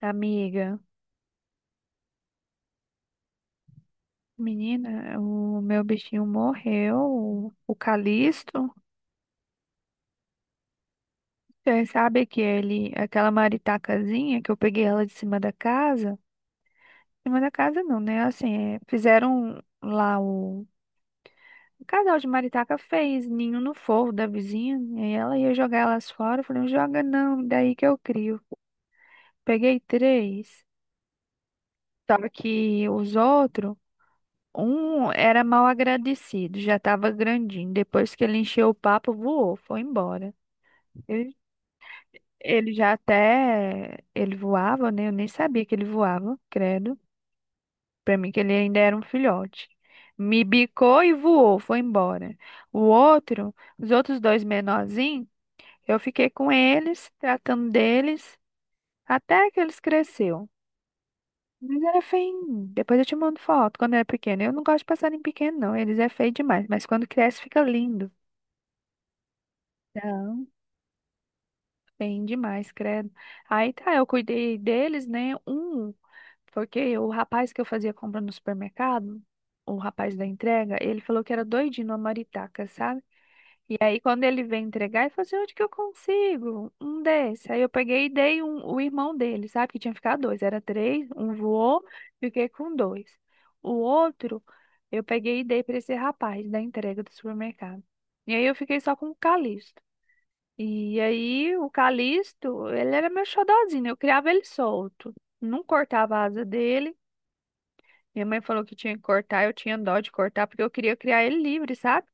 Amiga, menina, o meu bichinho morreu, o Calisto. Você sabe que ele, aquela maritacazinha que eu peguei ela de cima da casa, de cima da casa não, né? Assim, é, fizeram lá o casal de maritaca fez ninho no forro da vizinha, e aí ela ia jogar elas fora, eu falei, não joga não, daí que eu crio. Peguei três, só que os outros um era mal agradecido, já estava grandinho. Depois que ele encheu o papo, voou, foi embora. Ele, ele já até. Ele voava, né? Eu nem sabia que ele voava, credo. Pra mim, que ele ainda era um filhote. Me bicou e voou, foi embora. O outro, os outros dois menorzinhos, eu fiquei com eles, tratando deles, até que eles cresceram. Mas era feio. Depois eu te mando foto quando era pequeno. Eu não gosto de passarinho pequeno, não. Eles é feio demais. Mas quando cresce, fica lindo. Não, bem demais, credo. Aí tá, eu cuidei deles, né? Um, porque o rapaz que eu fazia compra no supermercado, o rapaz da entrega, ele falou que era doidinho numa maritaca, sabe? E aí quando ele veio entregar, ele falou assim, onde que eu consigo? Um desse. Aí eu peguei e dei um, o irmão dele, sabe? Que tinha ficado dois, era três, um voou, fiquei com dois. O outro, eu peguei e dei pra esse rapaz da entrega do supermercado. E aí eu fiquei só com o Calixto. E aí, o Calixto, ele era meu xodozinho, eu criava ele solto. Não cortava a asa dele. Minha mãe falou que tinha que cortar, eu tinha dó de cortar, porque eu queria criar ele livre, sabe?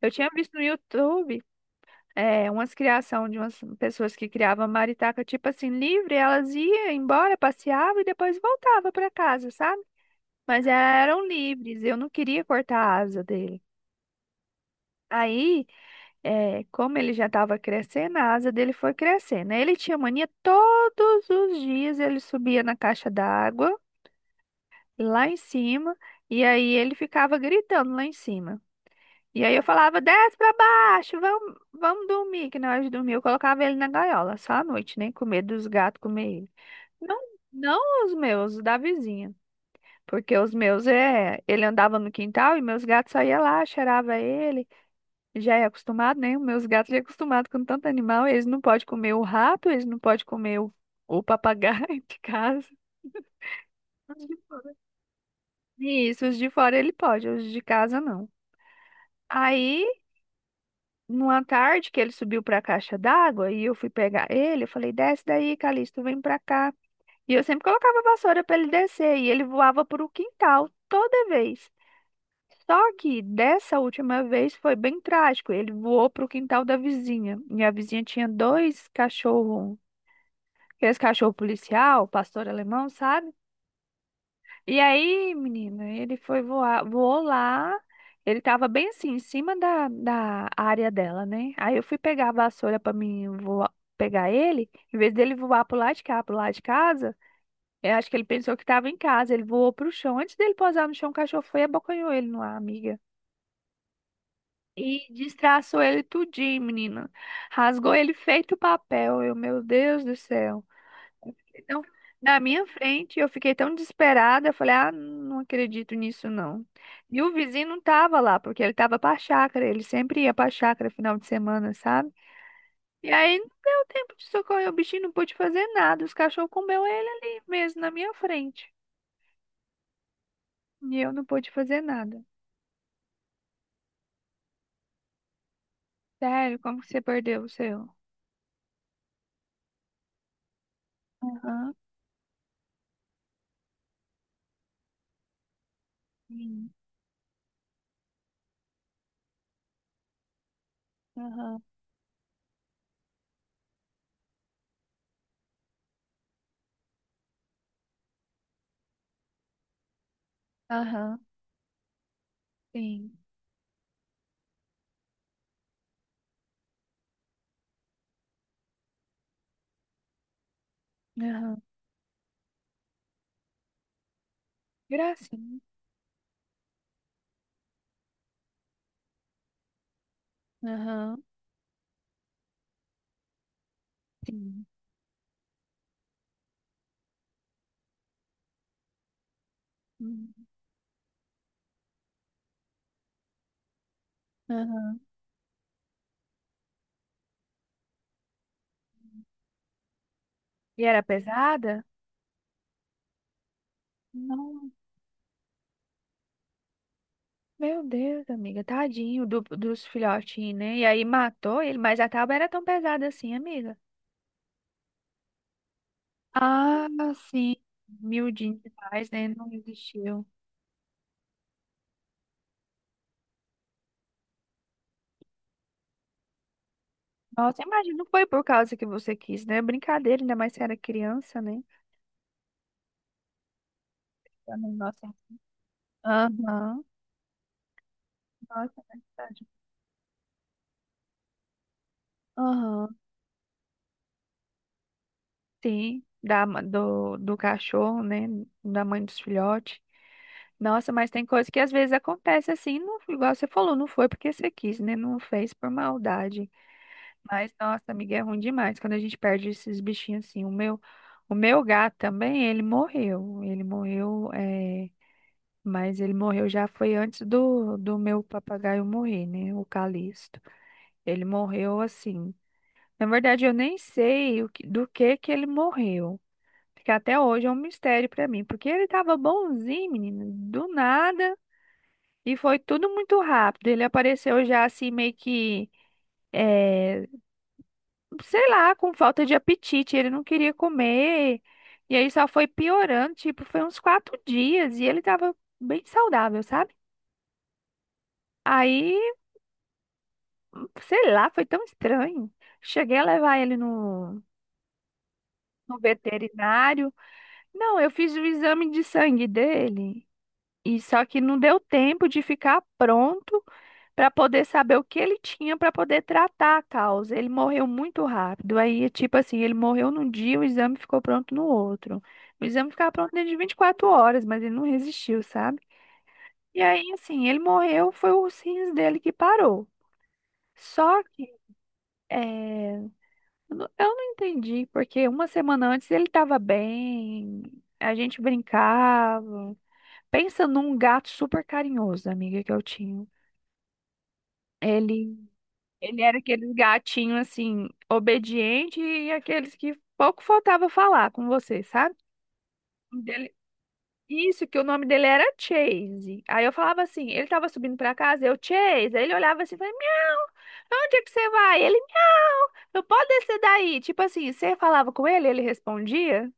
Eu tinha visto no YouTube, é, umas criação de umas pessoas que criavam maritaca, tipo assim, livre, elas iam embora, passeavam e depois voltavam para casa, sabe? Mas elas eram livres, eu não queria cortar a asa dele. Aí. É, como ele já estava crescendo, a asa dele foi crescendo. Aí ele tinha mania todos os dias, ele subia na caixa d'água, lá em cima, e aí ele ficava gritando lá em cima. E aí eu falava, desce pra baixo, vamos dormir, que na hora de dormir eu colocava ele na gaiola, só à noite, né? Com medo dos gatos comer ele. Não, não os meus, os da vizinha. Porque os meus, é, ele andava no quintal e meus gatos só iam lá, cheirava ele já é acostumado, né? Os meus gatos já é acostumado com tanto animal, eles não podem comer o rato, eles não podem comer o papagaio de casa. E isso, os de fora ele pode, os de casa não. Aí, numa tarde que ele subiu para a caixa d'água e eu fui pegar ele, eu falei: "Desce daí, Calixto, vem para cá". E eu sempre colocava a vassoura para ele descer e ele voava para o quintal toda vez. Só que dessa última vez foi bem trágico. Ele voou para o quintal da vizinha. E a vizinha tinha dois cachorros, que esse cachorro policial, pastor alemão, sabe? E aí, menina, ele foi voar, voou lá. Ele tava bem assim, em cima da área dela, né? Aí eu fui pegar a vassoura pra mim voar, pegar ele. Em vez dele voar pro lado de cá, pro lado de casa, eu acho que ele pensou que tava em casa. Ele voou pro chão. Antes dele pousar no chão, o cachorro foi e abocanhou ele no ar, amiga. E destraçou ele tudinho, menina. Rasgou ele feito papel. Eu, meu Deus do céu. Então, na minha frente, eu fiquei tão desesperada, eu falei, ah, não acredito nisso, não. E o vizinho não tava lá, porque ele tava pra chácara, ele sempre ia pra chácara final de semana, sabe? E aí não deu tempo de socorrer o bichinho, não pôde fazer nada, os cachorros comeu ele ali mesmo, na minha frente. E eu não pude fazer nada. Sério, como que você perdeu o seu? Aham, sim, aham, aham, sim, aham. Gracinha, aham, sim, uhum, aham. E era pesada? Não. Meu Deus, amiga, tadinho dos filhotinhos, né? E aí matou ele, mas a tábua era tão pesada assim, amiga. Ah, sim. Miudinho demais, né? Não existiu. Nossa, imagina, não foi por causa que você quis, né? Brincadeira, ainda mais se era criança, né? Tá na Nossa. Aham. Nossa, é verdade. Aham. Sim, do cachorro, né? Da mãe dos filhotes. Nossa, mas tem coisa que às vezes acontece assim, não, igual você falou, não foi porque você quis, né? Não fez por maldade. Mas, nossa, amiga, é ruim demais quando a gente perde esses bichinhos assim. O meu gato também, ele morreu. Ele morreu, é, mas ele morreu já foi antes do, do meu papagaio morrer, né? O Calixto. Ele morreu assim. Na verdade, eu nem sei do que ele morreu, que até hoje é um mistério pra mim, porque ele tava bonzinho, menino, do nada, e foi tudo muito rápido. Ele apareceu já assim, meio que, eh, sei lá, com falta de apetite, ele não queria comer, e aí só foi piorando, tipo, foi uns 4 dias, e ele tava bem saudável, sabe? Aí, sei lá, foi tão estranho. Cheguei a levar ele no veterinário. Não, eu fiz o exame de sangue dele. E só que não deu tempo de ficar pronto para poder saber o que ele tinha para poder tratar a causa. Ele morreu muito rápido. Aí, tipo assim, ele morreu num dia, o exame ficou pronto no outro. O exame ficava pronto dentro de 24 horas, mas ele não resistiu, sabe? E aí, assim, ele morreu, foi os rins dele que parou. Só que, é, eu não entendi, porque uma semana antes ele estava bem, a gente brincava. Pensa num gato super carinhoso, amiga, que eu tinha. Ele Ele era aqueles gatinhos assim, obediente e aqueles que pouco faltava falar com você, sabe? Dele- Isso, que o nome dele era Chase. Aí eu falava assim, ele tava subindo pra casa, eu, Chase. Aí ele olhava assim e falava, miau, pra onde é que você vai? Ele, miau, não pode descer daí. Tipo assim, você falava com ele, ele respondia.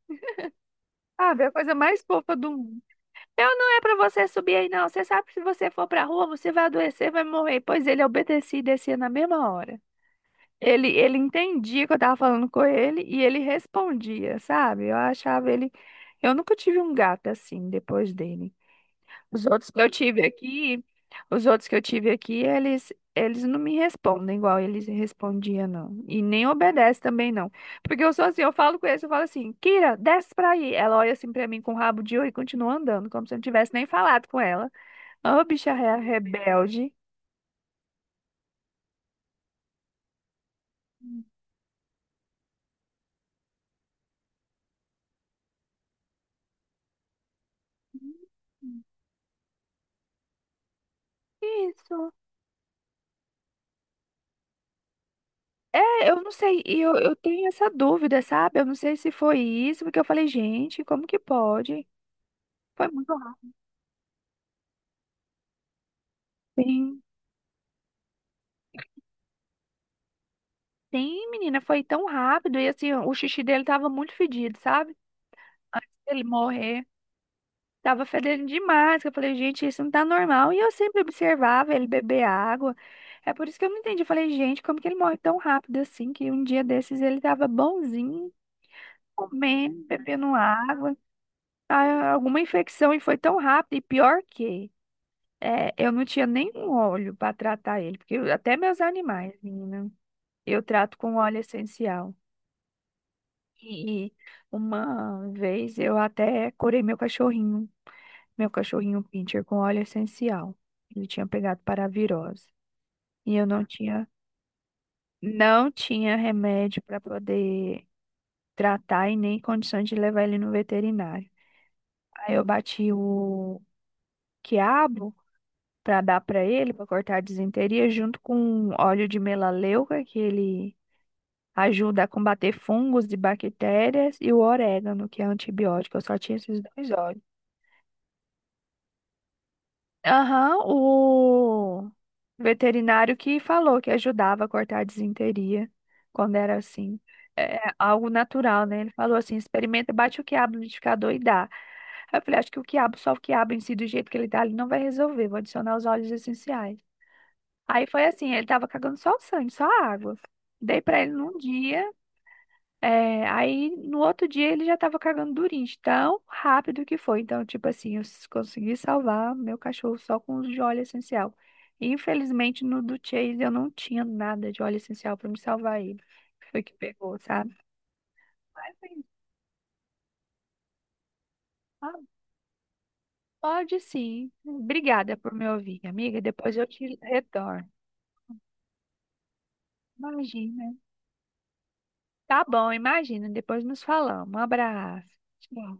Sabe, a coisa mais fofa do mundo. Eu não, é pra você subir aí, não. Você sabe que se você for pra rua, você vai adoecer, vai morrer. Pois ele obedecia e descia na mesma hora. Ele entendia que eu tava falando com ele e ele respondia, sabe? Eu achava ele. Eu nunca tive um gato assim depois dele. Os outros que eu tive aqui, os outros que eu tive aqui, eles não me respondem igual eles respondiam, não. E nem obedece também, não. Porque eu sou assim, eu falo com eles, eu falo assim, Kira, desce pra aí. Ela olha assim pra mim com o rabo de oi e continua andando, como se eu não tivesse nem falado com ela. Ô, bicha rebelde. Isso. É, eu não sei, e eu tenho essa dúvida, sabe? Eu não sei se foi isso, porque eu falei, gente, como que pode? Foi muito rápido. Sim, sim, menina, foi tão rápido. E assim, o xixi dele tava muito fedido, sabe? Antes dele morrer, tava fedendo demais, que eu falei, gente, isso não tá normal. E eu sempre observava ele beber água. É por isso que eu não entendi. Eu falei, gente, como que ele morre tão rápido assim? Que um dia desses ele tava bonzinho, comendo, bebendo água. Ah, alguma infecção e foi tão rápido. E pior que. É, eu não tinha nenhum óleo para tratar ele, porque eu- até meus animais, menina, eu trato com óleo essencial. E uma vez eu até curei meu cachorrinho pincher com óleo essencial. Ele tinha pegado paravirose e eu não tinha, não tinha remédio para poder tratar e nem condições de levar ele no veterinário. Aí eu bati o quiabo para dar para ele, para cortar a disenteria, junto com óleo de melaleuca que ele ajuda a combater fungos e bactérias e o orégano, que é antibiótico. Eu só tinha esses dois óleos. Aham, o veterinário que falou que ajudava a cortar a disenteria quando era assim. É, é algo natural, né? Ele falou assim: experimenta, bate o quiabo no liquidificador e dá. Aí eu falei: acho que o quiabo, só o quiabo em si, do jeito que ele tá ali, não vai resolver. Vou adicionar os óleos essenciais. Aí foi assim: ele tava cagando só o sangue, só a água. Dei pra ele num dia. É, aí no outro dia ele já tava cagando durinho, de tão rápido que foi. Então, tipo assim, eu consegui salvar meu cachorro só com o de óleo essencial. Infelizmente, no do Chase eu não tinha nada de óleo essencial pra me salvar ele. Foi que pegou, sabe? Mas, assim, ah, pode sim. Obrigada por me ouvir, amiga. Depois eu te retorno. Imagina. Tá bom, imagina. Depois nos falamos. Um abraço. Tchau.